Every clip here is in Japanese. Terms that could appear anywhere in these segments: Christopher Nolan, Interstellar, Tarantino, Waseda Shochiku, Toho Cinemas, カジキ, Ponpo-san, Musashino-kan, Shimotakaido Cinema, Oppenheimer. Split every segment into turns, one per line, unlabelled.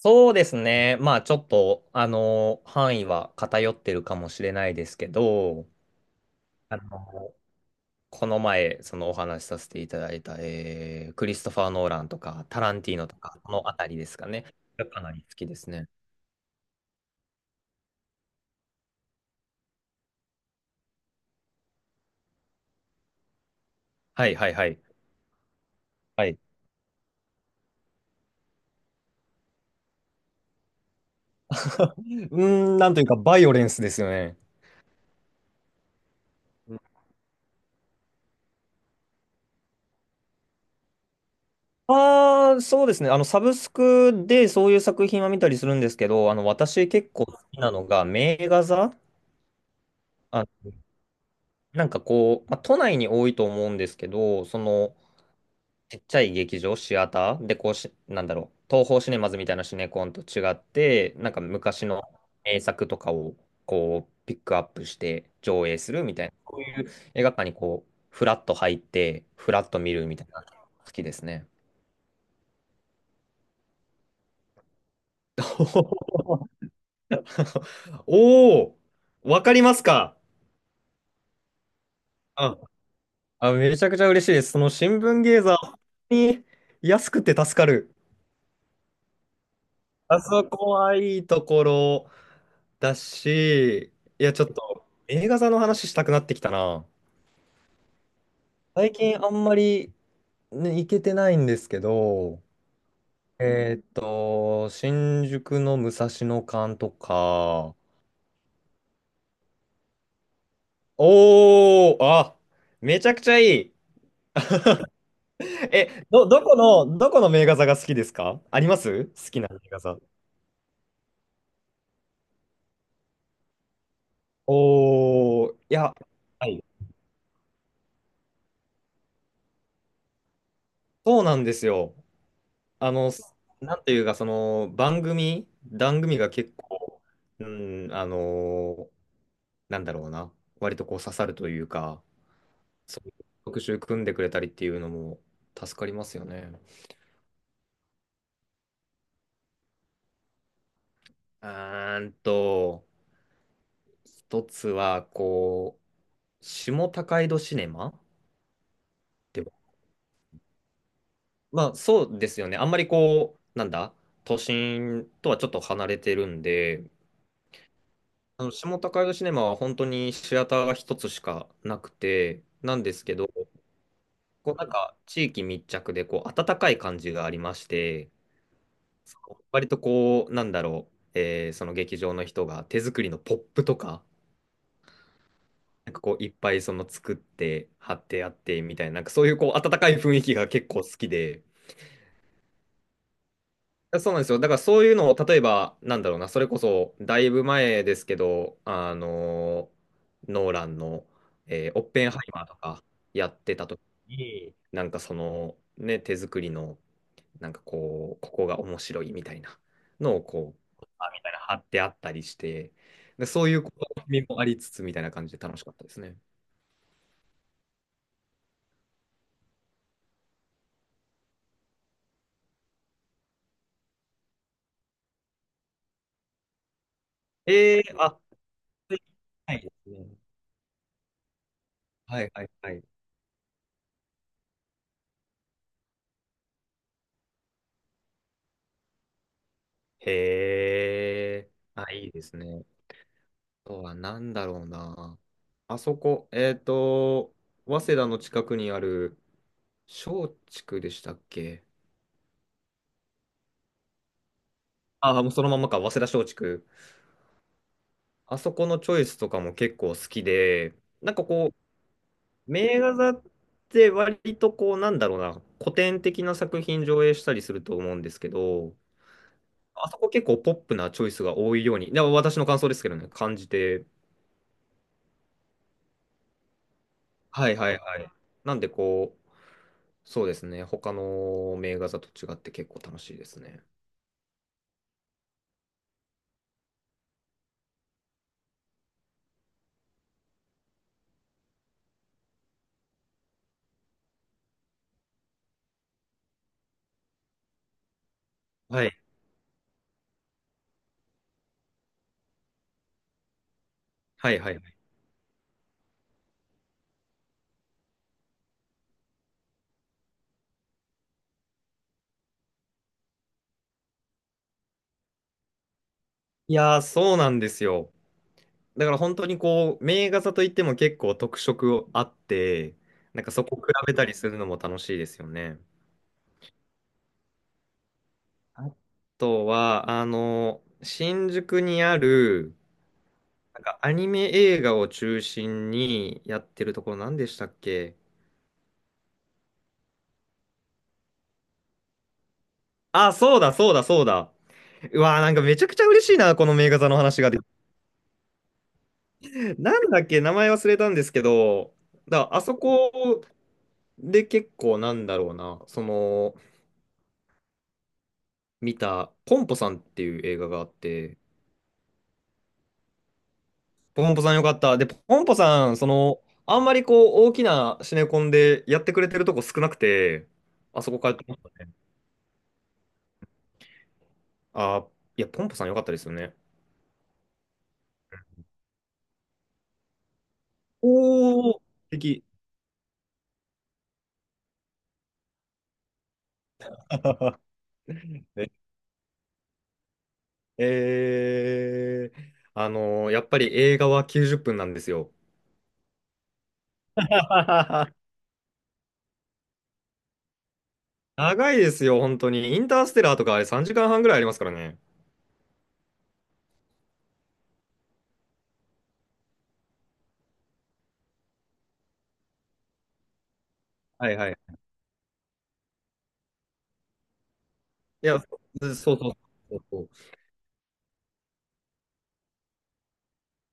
そうですね。まあちょっと、あの、範囲は偏ってるかもしれないですけど、あの、この前、そのお話しさせていただいた、クリストファー・ノーランとか、タランティーノとか、このあたりですかね。がかなり好きですね。はいはいはい。はい。うーなんというか、バイオレンスですよね。ああ、そうですね。あの、サブスクでそういう作品は見たりするんですけど、私結構好きなのが、名画座、あ、なんかこう、まあ、都内に多いと思うんですけど、ちっちゃい劇場、シアターで、こうし、なんだろう、東宝シネマズみたいなシネコンと違って、なんか昔の名作とかを、こう、ピックアップして上映するみたいな、こういう映画館にこう、フラッと入って、フラッと見るみたいな、好きですね。おお、わかりますか。あ、あ、めちゃくちゃ嬉しいです。その新聞芸座、本当に安くて助かる。あそこはいいところだし、いや、ちょっと映画座の話したくなってきたな。最近あんまり、ね、行けてないんですけど、新宿の武蔵野館とか、おー、あ、めちゃくちゃいい。どこの、どこの名画座が好きですか？あります好きな名画座。おー、いや、はい、そうなんですよ。あの、なんていうか、番組が結構、うん、あの、なんだろうな、割とこう刺さるというか、そういう特集組んでくれたりっていうのも助かりますよね。うーんと、一つは、こう、下高井戸シネマ。でも、まあ、そうですよね。あんまりこう、なんだ、都心とはちょっと離れてるんで、あの下高井戸シネマは本当にシアターが一つしかなくて、なんですけど、こうなんか地域密着でこう温かい感じがありまして、その割とこう、なんだろう、えーその劇場の人が手作りのポップとか、なんかこういっぱいその作って貼ってあってみたいな、なんかそういうこう温かい雰囲気が結構好きで、そうなんですよ。だからそういうのを例えば、なんだろうな、それこそだいぶ前ですけど、ノーランの、オッペンハイマーとかやってた時に、なんかそのね、手作りのなんかこう、ここが面白いみたいなのをこう、あみたいな貼ってあったりして、で、そういうこう意味もありつつみたいな感じで楽しかったですね。あ、はいですね。はいはいはい。へえ、あ、いいですね。あとは何だろうな。あそこ、えっと、早稲田の近くにある松竹でしたっけ？ああ、もうそのままか、早稲田松竹。あそこのチョイスとかも結構好きで、なんかこう、名画座って割とこう、なんだろうな、古典的な作品上映したりすると思うんですけど、あそこ結構ポップなチョイスが多いように、でも私の感想ですけどね、感じて、はいはいはい。なんでこう、そうですね、他の名画座と違って結構楽しいですね。はい。はいはいはい。いやー、そうなんですよ。だから本当にこう、名画座といっても結構特色あって、なんかそこ比べたりするのも楽しいですよね。あとは、あの、新宿にある、なんかアニメ映画を中心にやってるところ、何でしたっけ？あ、そうだ、そうだ、そうだ。うわー、なんかめちゃくちゃ嬉しいな、この名画座の話ができて。なんだっけ、名前忘れたんですけど、だからあそこで結構なんだろうな、その、見た、ポンポさんっていう映画があって、ポンポさんよかった。で、ポンポさん、その、あんまりこう、大きなシネコンでやってくれてるとこ少なくて、あそこからあー、いや、ポンポさんよかったですよね。おー、素敵。ねえー、あのやっぱり映画は90分なんですよ。長いですよ、本当に。インターステラーとかあれ3時間半ぐらいありますからね。はいはい。いや、そうそうそうそうそう。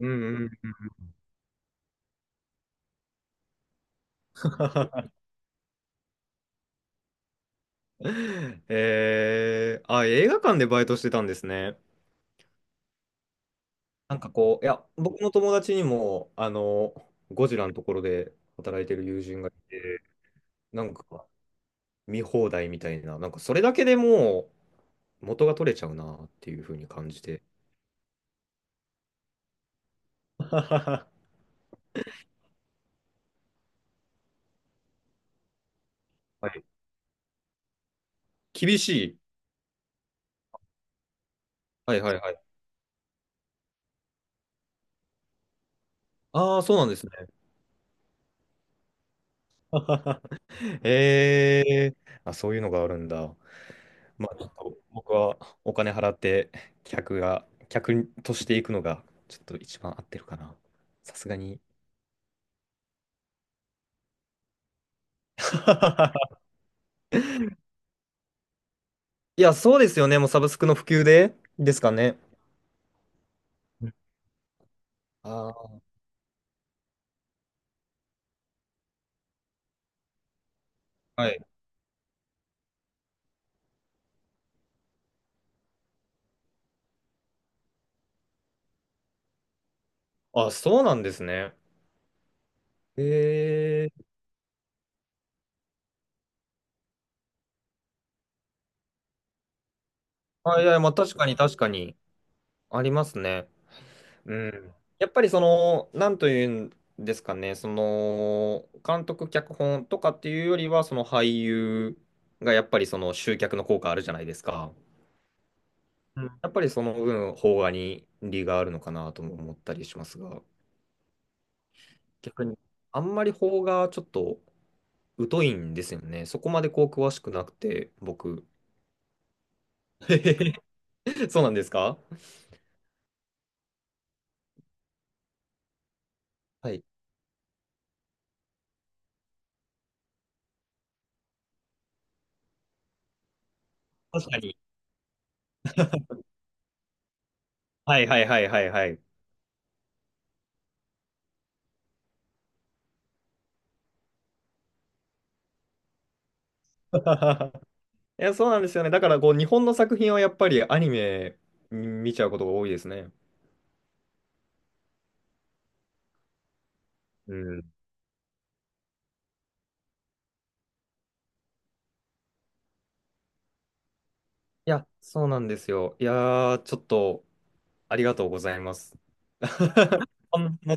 うんうん。えー、あ、映画館でバイトしてたんですね。僕の友達にも、ゴジラのところで働いてる友人がいて、なんか見放題みたいな、なんかそれだけでもう元が取れちゃうなっていうふうに感じて。はい。厳しい。はいはいはい。ああ、そうなんですね。ええあ、そういうのがあるんだ。まあ、ちょっと僕はお金払って客が、客としていくのが、ちょっと一番合ってるかな。さすがに。いや、そうですよね。もうサブスクの普及でですかね。ああ、はい。あ、そうなんですね。ええ。あ、いや、まあ確かに確かにありますね。うん。やっぱりその、なんというんですかね、その、監督、脚本とかっていうよりは、その俳優がやっぱりその集客の効果あるじゃないですか。うんやっぱりその分、邦画に利があるのかなとも思ったりしますが、逆に、あんまり邦画ちょっと疎いんですよね。そこまでこう詳しくなくて、僕。そうなんですか？はい。確かに。はいはいはいはいはい。いや、そうなんですよね。だからこう、日本の作品はやっぱりアニメ見ちゃうことが多いですね。うん。いや、そうなんですよ。いやー、ちょっとありがとうございます。こんな